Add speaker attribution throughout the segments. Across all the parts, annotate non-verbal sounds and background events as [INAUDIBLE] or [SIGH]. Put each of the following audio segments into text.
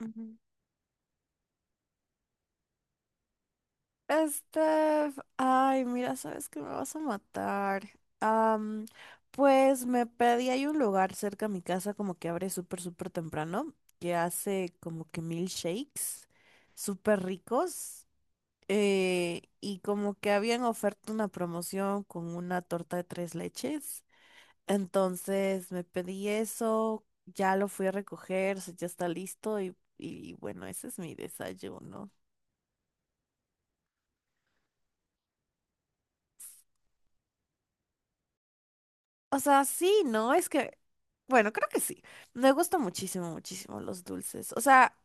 Speaker 1: Ujú. Steph, ay, mira, sabes que me vas a matar. Am, pues me pedí, hay un lugar cerca a mi casa como que abre súper, súper temprano, que hace como que milkshakes súper ricos. Y como que habían oferta una promoción con una torta de tres leches. Entonces me pedí eso, ya lo fui a recoger, o sea, ya está listo y bueno, ese es mi desayuno. O sea, sí, ¿no? Es que bueno, creo que sí. Me gustan muchísimo, muchísimo los dulces. O sea,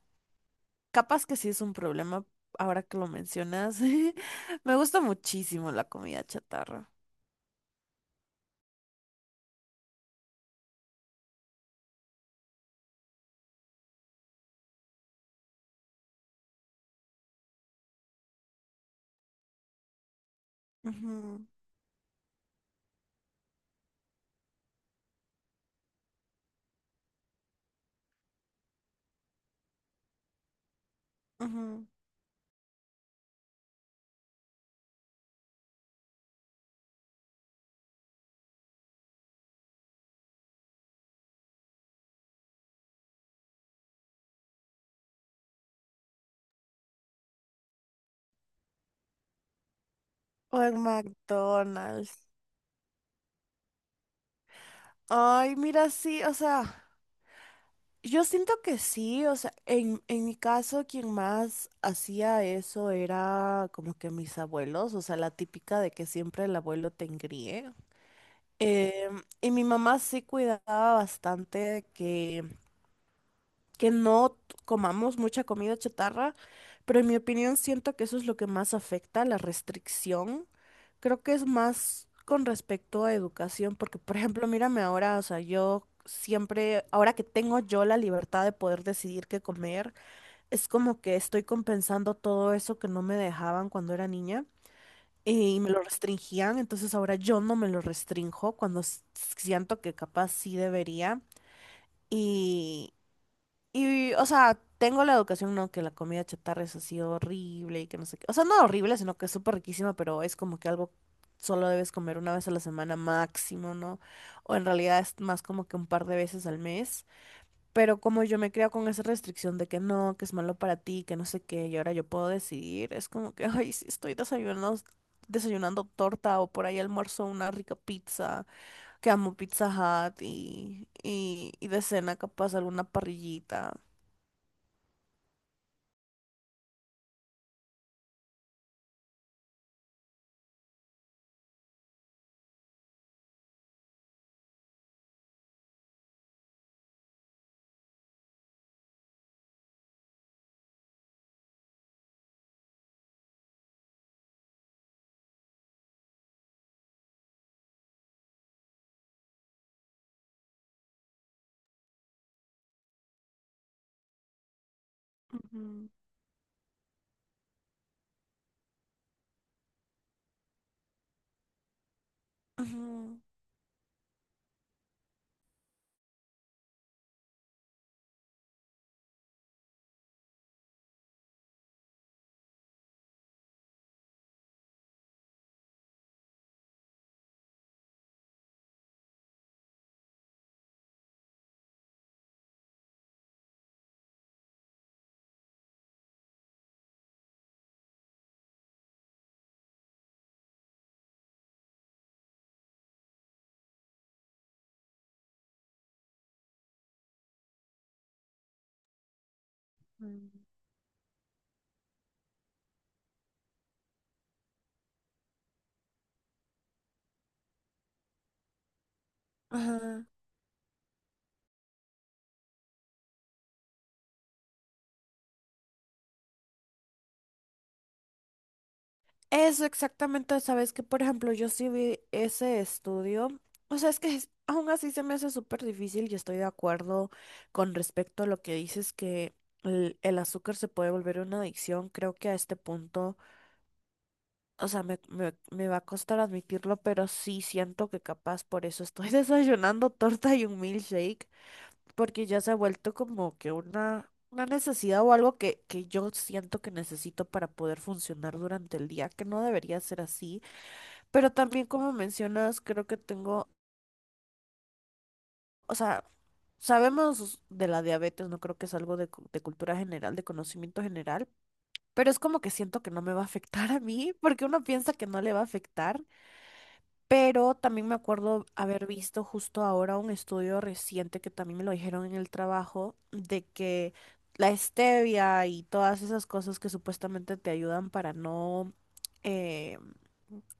Speaker 1: capaz que sí es un problema ahora que lo mencionas. [LAUGHS] Me gusta muchísimo la comida chatarra. Ujú, ujú. O en McDonald's. Ay, mira, sí, o sea, yo siento que sí, o sea, en mi caso quien más hacía eso era como que mis abuelos, o sea, la típica de que siempre el abuelo te engríe. Y mi mamá sí cuidaba bastante que no comamos mucha comida chatarra, pero en mi opinión siento que eso es lo que más afecta, la restricción. Creo que es más con respecto a educación, porque por ejemplo, mírame ahora, o sea, yo siempre, ahora que tengo yo la libertad de poder decidir qué comer, es como que estoy compensando todo eso que no me dejaban cuando era niña. Y me lo restringían, entonces ahora yo no me lo restrinjo siento que capaz sí debería. Y, o sea, tengo la educación, ¿no? Que la comida chatarra es así horrible y que no sé qué. O sea, no horrible, sino que es súper riquísima, pero es como que algo solo debes comer una vez a la semana máximo, ¿no? O en realidad es más como que un par de veces al mes. Pero como yo me creo con esa restricción de que no, que es malo para ti, que no sé qué, y ahora yo puedo decidir, es como que, ay, si estoy desayunando torta o por ahí almuerzo una rica pizza, que amo Pizza Hut y de cena capaz alguna parrillita. Ujú, ujú, ajá. Eso exactamente, sabes que por ejemplo yo sí vi ese estudio, o sea, aún así se me hace súper difícil y estoy de acuerdo con respecto a lo que dices que el azúcar se puede volver una adicción, creo que a este punto, o sea, me va a costar admitirlo, pero sí siento que capaz por eso estoy [LAUGHS] desayunando torta y un milkshake porque ya se ha vuelto como que una necesidad o algo que yo siento que necesito para poder funcionar durante el día, que no debería ser así, pero también como mencionas, creo que tengo, o sea, sabemos de la diabetes, no creo que es algo de cultura general, de conocimiento general, pero es como que siento que no me va a afectar a mí, porque uno piensa que no le va a afectar. Pero también me acuerdo haber visto justo ahora un estudio reciente que también me lo dijeron en el trabajo de que la stevia y todas esas cosas que supuestamente te ayudan para no eh,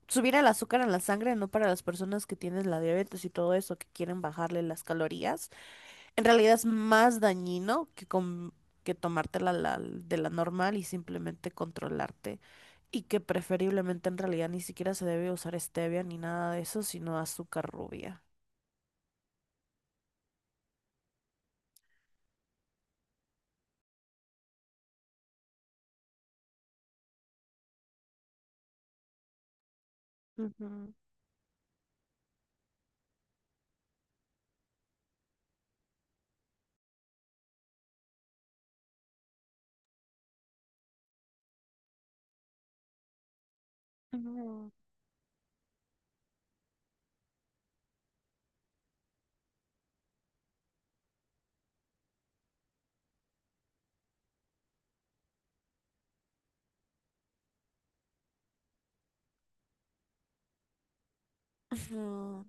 Speaker 1: subir el azúcar en la sangre, no para las personas que tienen la diabetes y todo eso, que quieren bajarle las calorías, en realidad es más dañino que tomártela de la normal y simplemente controlarte. Y que preferiblemente en realidad ni siquiera se debe usar stevia ni nada de eso, sino azúcar rubia. Ujú, ujú, ujú.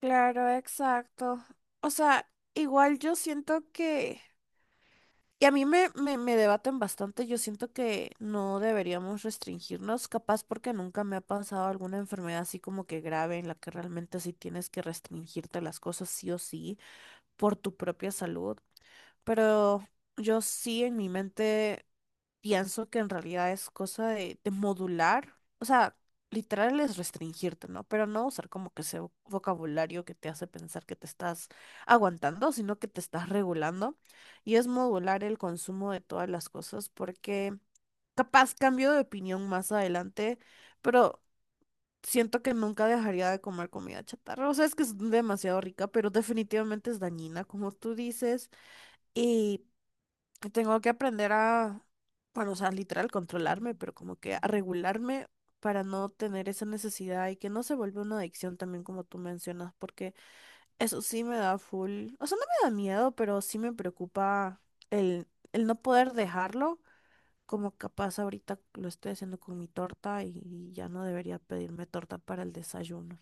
Speaker 1: Claro, exacto. O sea, igual yo siento que y a mí me debaten bastante. Yo siento que no deberíamos restringirnos, capaz porque nunca me ha pasado alguna enfermedad así como que grave en la que realmente sí tienes que restringirte las cosas sí o sí por tu propia salud. Pero yo sí en mi mente pienso que en realidad es cosa de modular, o sea, literal es restringirte, ¿no? Pero no usar como que ese vocabulario que te hace pensar que te estás aguantando, sino que te estás regulando. Y es modular el consumo de todas las cosas porque capaz cambio de opinión más adelante, pero siento que nunca dejaría de comer comida chatarra. O sea, es que es demasiado rica, pero definitivamente es dañina, como tú dices que tengo que aprender a, bueno, o sea, literal, controlarme, pero como que a regularme para no tener esa necesidad y que no se vuelva una adicción también como tú mencionas, porque eso sí me da full, o sea, no me da miedo, pero sí me preocupa el, el no poder dejarlo, como capaz ahorita lo estoy haciendo con mi torta y ya no debería pedirme torta para el desayuno.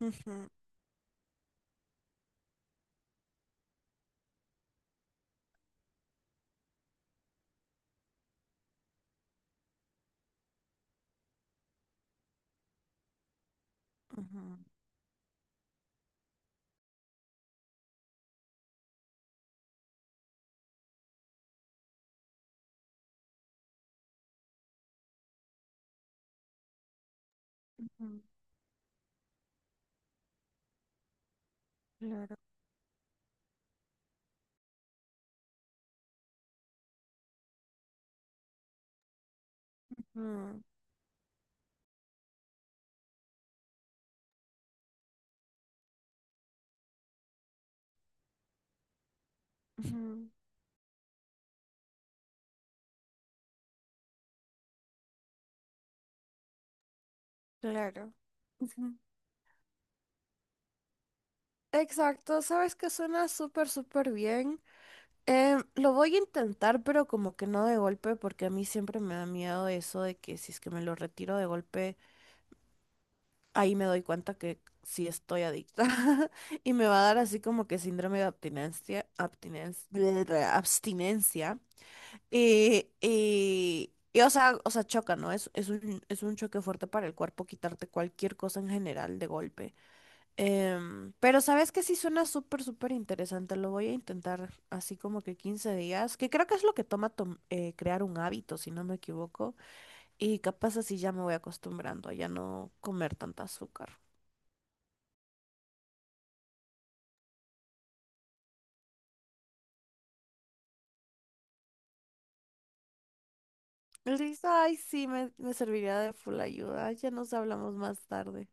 Speaker 1: Ujú, ujú, ujú, claro. Ujú, ujú, claro. [LAUGHS] Exacto, sabes que suena súper, súper bien. Lo voy a intentar, pero como que no de golpe, porque a mí siempre me da miedo eso de que si es que me lo retiro de golpe, ahí me doy cuenta que sí estoy adicta [LAUGHS] y me va a dar así como que síndrome de abstinencia, abstinencia, abstinencia. Y, o sea, choca, ¿no? Es un choque fuerte para el cuerpo quitarte cualquier cosa en general de golpe. Pero sabes que sí suena súper, súper interesante. Lo voy a intentar así como que 15 días, que creo que es lo que toma crear un hábito, si no me equivoco. Y capaz así ya me voy acostumbrando a ya no comer tanta azúcar. Listo, ay, sí, me serviría de full ayuda. Ya nos hablamos más tarde.